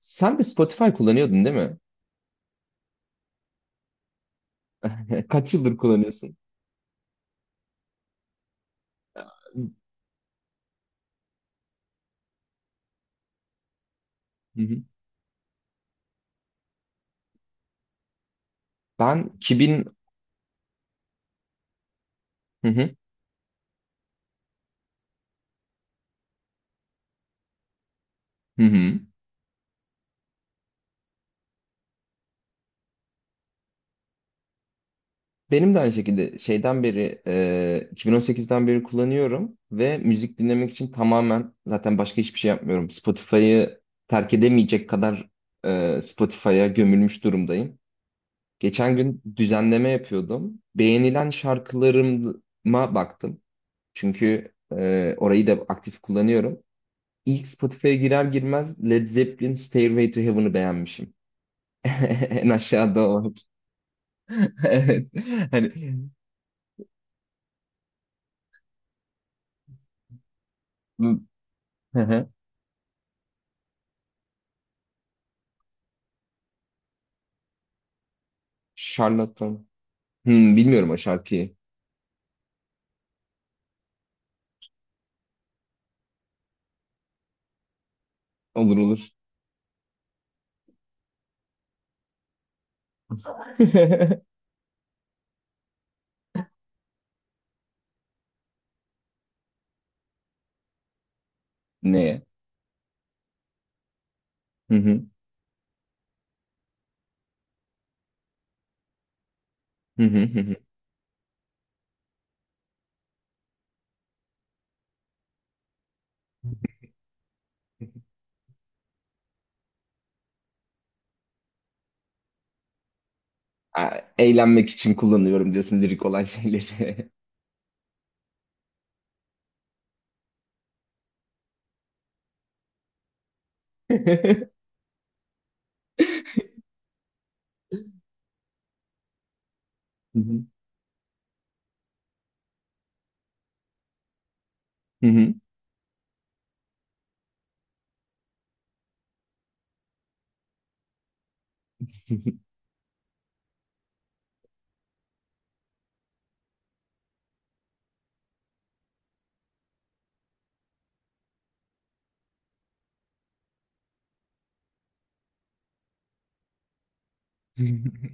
Sen de Spotify kullanıyordun, değil mi? Kaç yıldır kullanıyorsun? Hı hı. Ben 2000. Hı hı, hı hı. Benim de aynı şekilde şeyden beri 2018'den beri kullanıyorum ve müzik dinlemek için tamamen zaten başka hiçbir şey yapmıyorum. Spotify'ı terk edemeyecek kadar Spotify'a gömülmüş durumdayım. Geçen gün düzenleme yapıyordum. Beğenilen şarkılarıma baktım. Çünkü orayı da aktif kullanıyorum. İlk Spotify'a girer girmez Led Zeppelin Stairway to Heaven'ı beğenmişim. En aşağıda o. Evet. Hani. Hı hı. Charlatan. Bilmiyorum o şarkıyı. Olur olur. Neye? Hı hı. Hı hı hı hı. Aa, eğlenmek için kullanıyorum diyorsun lirik olan şeyleri. Hı hı. Hı hı.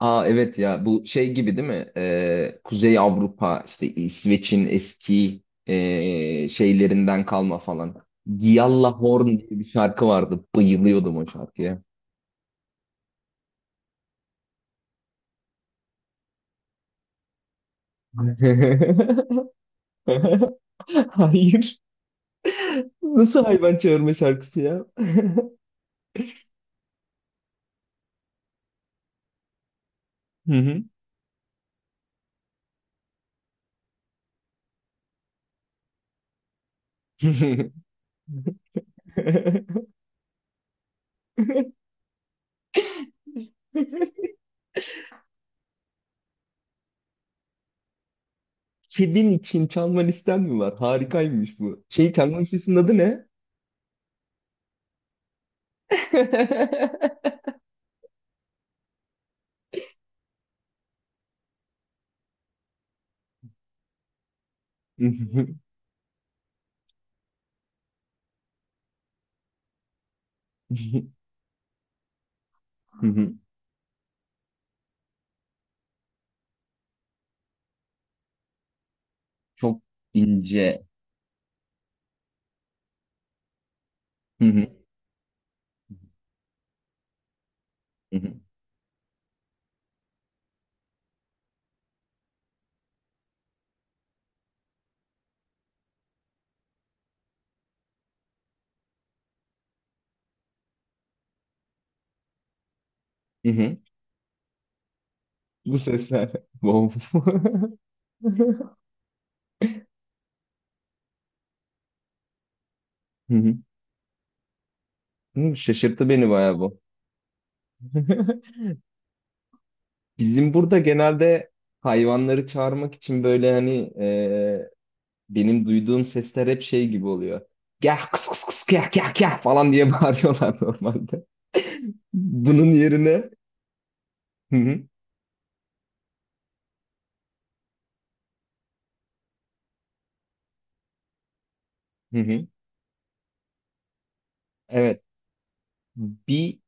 Aa, evet ya, bu şey gibi değil mi? Kuzey Avrupa, işte İsveç'in eski şeylerinden kalma falan. Gialla Horn diye bir şarkı vardı. Bayılıyordum o şarkıya. Hayır. Nasıl hayvan çağırma şarkısı ya? Hı hı. Kedin için çalma listen mi var? Harikaymış bu. Şey, çalma listesinin adı ne? Çok ince. Hı hı. Hı hı. Hı hı. Bu sesler. Wow. Hı hı. Hı, Şaşırttı beni bayağı bu. Bizim burada genelde hayvanları çağırmak için böyle, hani benim duyduğum sesler hep şey gibi oluyor. Gel kıs kıs kıs gel gel gel falan diye bağırıyorlar normalde. Bunun yerine. Hı hı, hı hı. Evet, bir,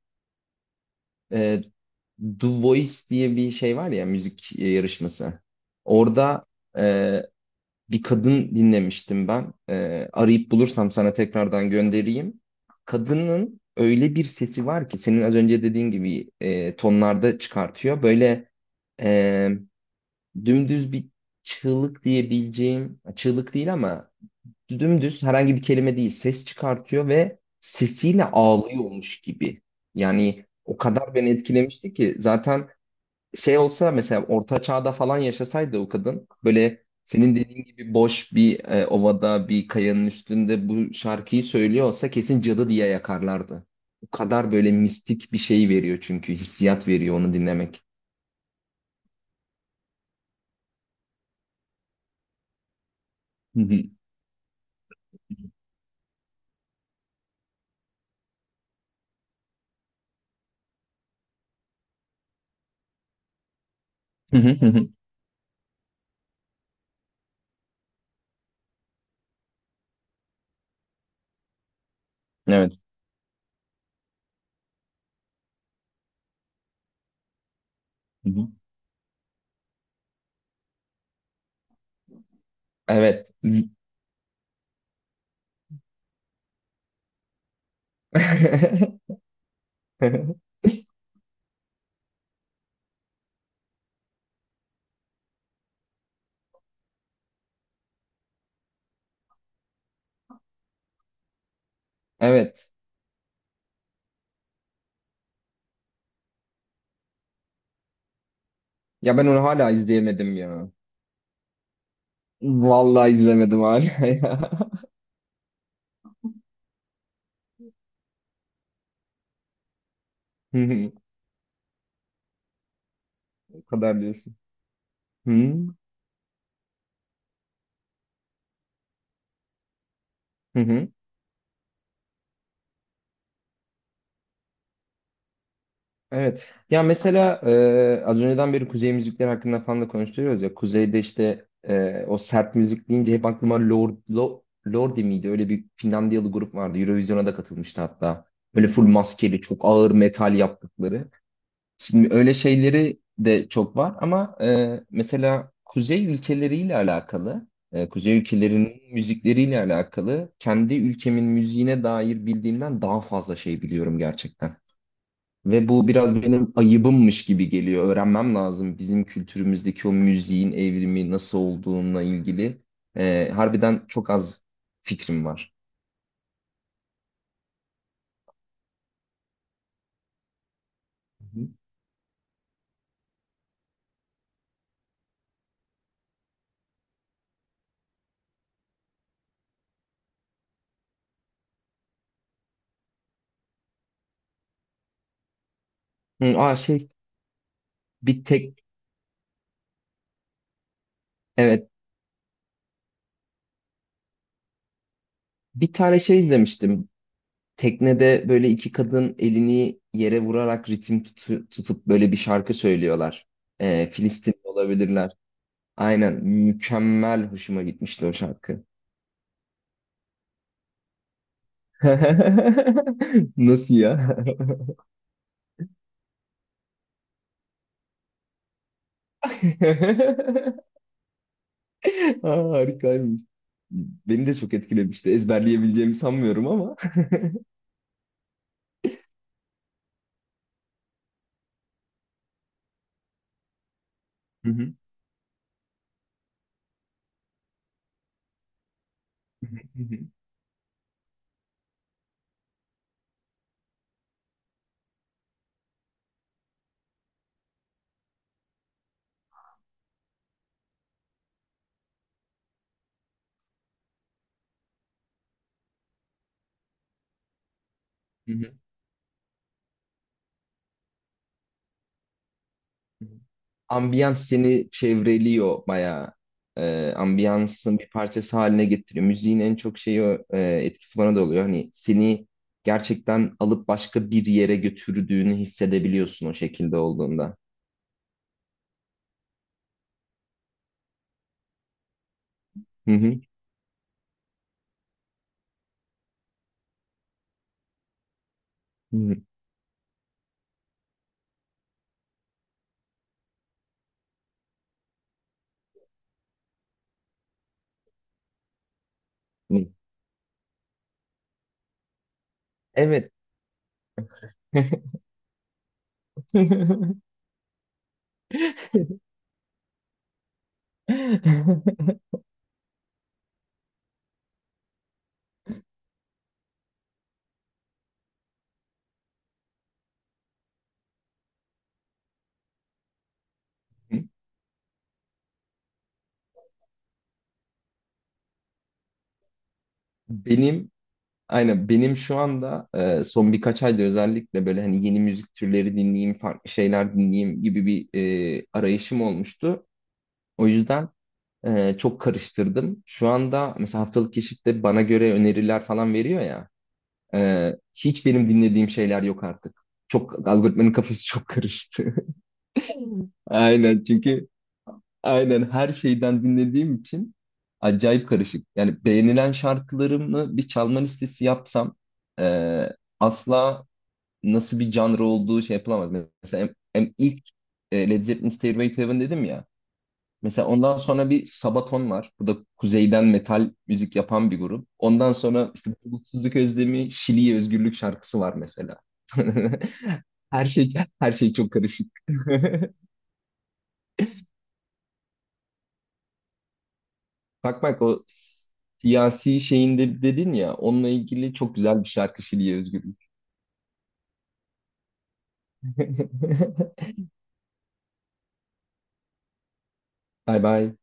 e, The Voice diye bir şey var ya, müzik yarışması. Orada e, bir kadın dinlemiştim ben. Arayıp bulursam sana tekrardan göndereyim. Kadının öyle bir sesi var ki senin az önce dediğin gibi tonlarda çıkartıyor. Böyle e, dümdüz bir çığlık diyebileceğim, çığlık değil ama dümdüz herhangi bir kelime değil ses çıkartıyor ve sesiyle ağlıyormuş gibi. Yani o kadar beni etkilemişti ki zaten şey olsa, mesela orta çağda falan yaşasaydı o kadın, böyle senin dediğin gibi boş bir ovada bir kayanın üstünde bu şarkıyı söylüyor olsa, kesin cadı diye yakarlardı. O kadar böyle mistik bir şey veriyor, çünkü hissiyat veriyor onu dinlemek. Hı hı. Hı hı hı hı. Evet. Hı hı. Evet. Evet. Ya ben onu hala izleyemedim ya. Vallahi izlemedim hala ya. Hı hı. O kadar diyorsun. Hı hı. Hı hı. Evet. Ya mesela az önceden beri kuzey müzikleri hakkında falan da konuşuyoruz ya. Kuzeyde işte o sert müzik deyince hep aklıma Lordi miydi? Öyle bir Finlandiyalı grup vardı. Eurovision'a da katılmıştı hatta. Böyle full maskeli, çok ağır metal yaptıkları. Şimdi öyle şeyleri de çok var ama mesela kuzey ülkeleriyle alakalı, kuzey ülkelerinin müzikleriyle alakalı kendi ülkemin müziğine dair bildiğimden daha fazla şey biliyorum gerçekten. Ve bu biraz benim ayıbımmış gibi geliyor. Öğrenmem lazım bizim kültürümüzdeki o müziğin evrimi nasıl olduğuna ilgili. Harbiden çok az fikrim var. Hı. Aa, şey, bir tek, evet, bir tane şey izlemiştim. Teknede böyle iki kadın elini yere vurarak ritim tutup böyle bir şarkı söylüyorlar. Filistin olabilirler. Aynen, mükemmel, hoşuma gitmişti o şarkı. Nasıl ya? Aa, harikaymış. Beni de çok etkilemişti. Ezberleyebileceğimi sanmıyorum ama. Hı hı, hı hı, hı hı, hı hı. Ambiyans seni çevreliyor bayağı. Ambiyansın bir parçası haline getiriyor. Müziğin en çok şeyi o, etkisi bana da oluyor. Hani seni gerçekten alıp başka bir yere götürdüğünü hissedebiliyorsun o şekilde olduğunda. Hı hı, hı hı. Evet. Benim. Aynen, benim şu anda son birkaç ayda özellikle böyle, hani yeni müzik türleri dinleyeyim, farklı şeyler dinleyeyim gibi bir arayışım olmuştu. O yüzden çok karıştırdım. Şu anda mesela haftalık keşifte bana göre öneriler falan veriyor ya. Hiç benim dinlediğim şeyler yok artık. Çok algoritmanın kafası çok karıştı. Aynen, çünkü aynen her şeyden dinlediğim için acayip karışık. Yani beğenilen şarkılarımı bir çalma listesi yapsam e, asla nasıl bir genre olduğu şey yapılamaz. Mesela ilk Led Zeppelin Stairway to Heaven dedim ya. Mesela ondan sonra bir Sabaton var. Bu da kuzeyden metal müzik yapan bir grup. Ondan sonra işte Bulutsuzluk Özlemi, Şili'ye Özgürlük şarkısı var mesela. Her şey her şey çok karışık. Bak bak, siyasi şeyinde dedin ya, onunla ilgili çok güzel bir şarkı Şili'ye özgürlük. Bay bay.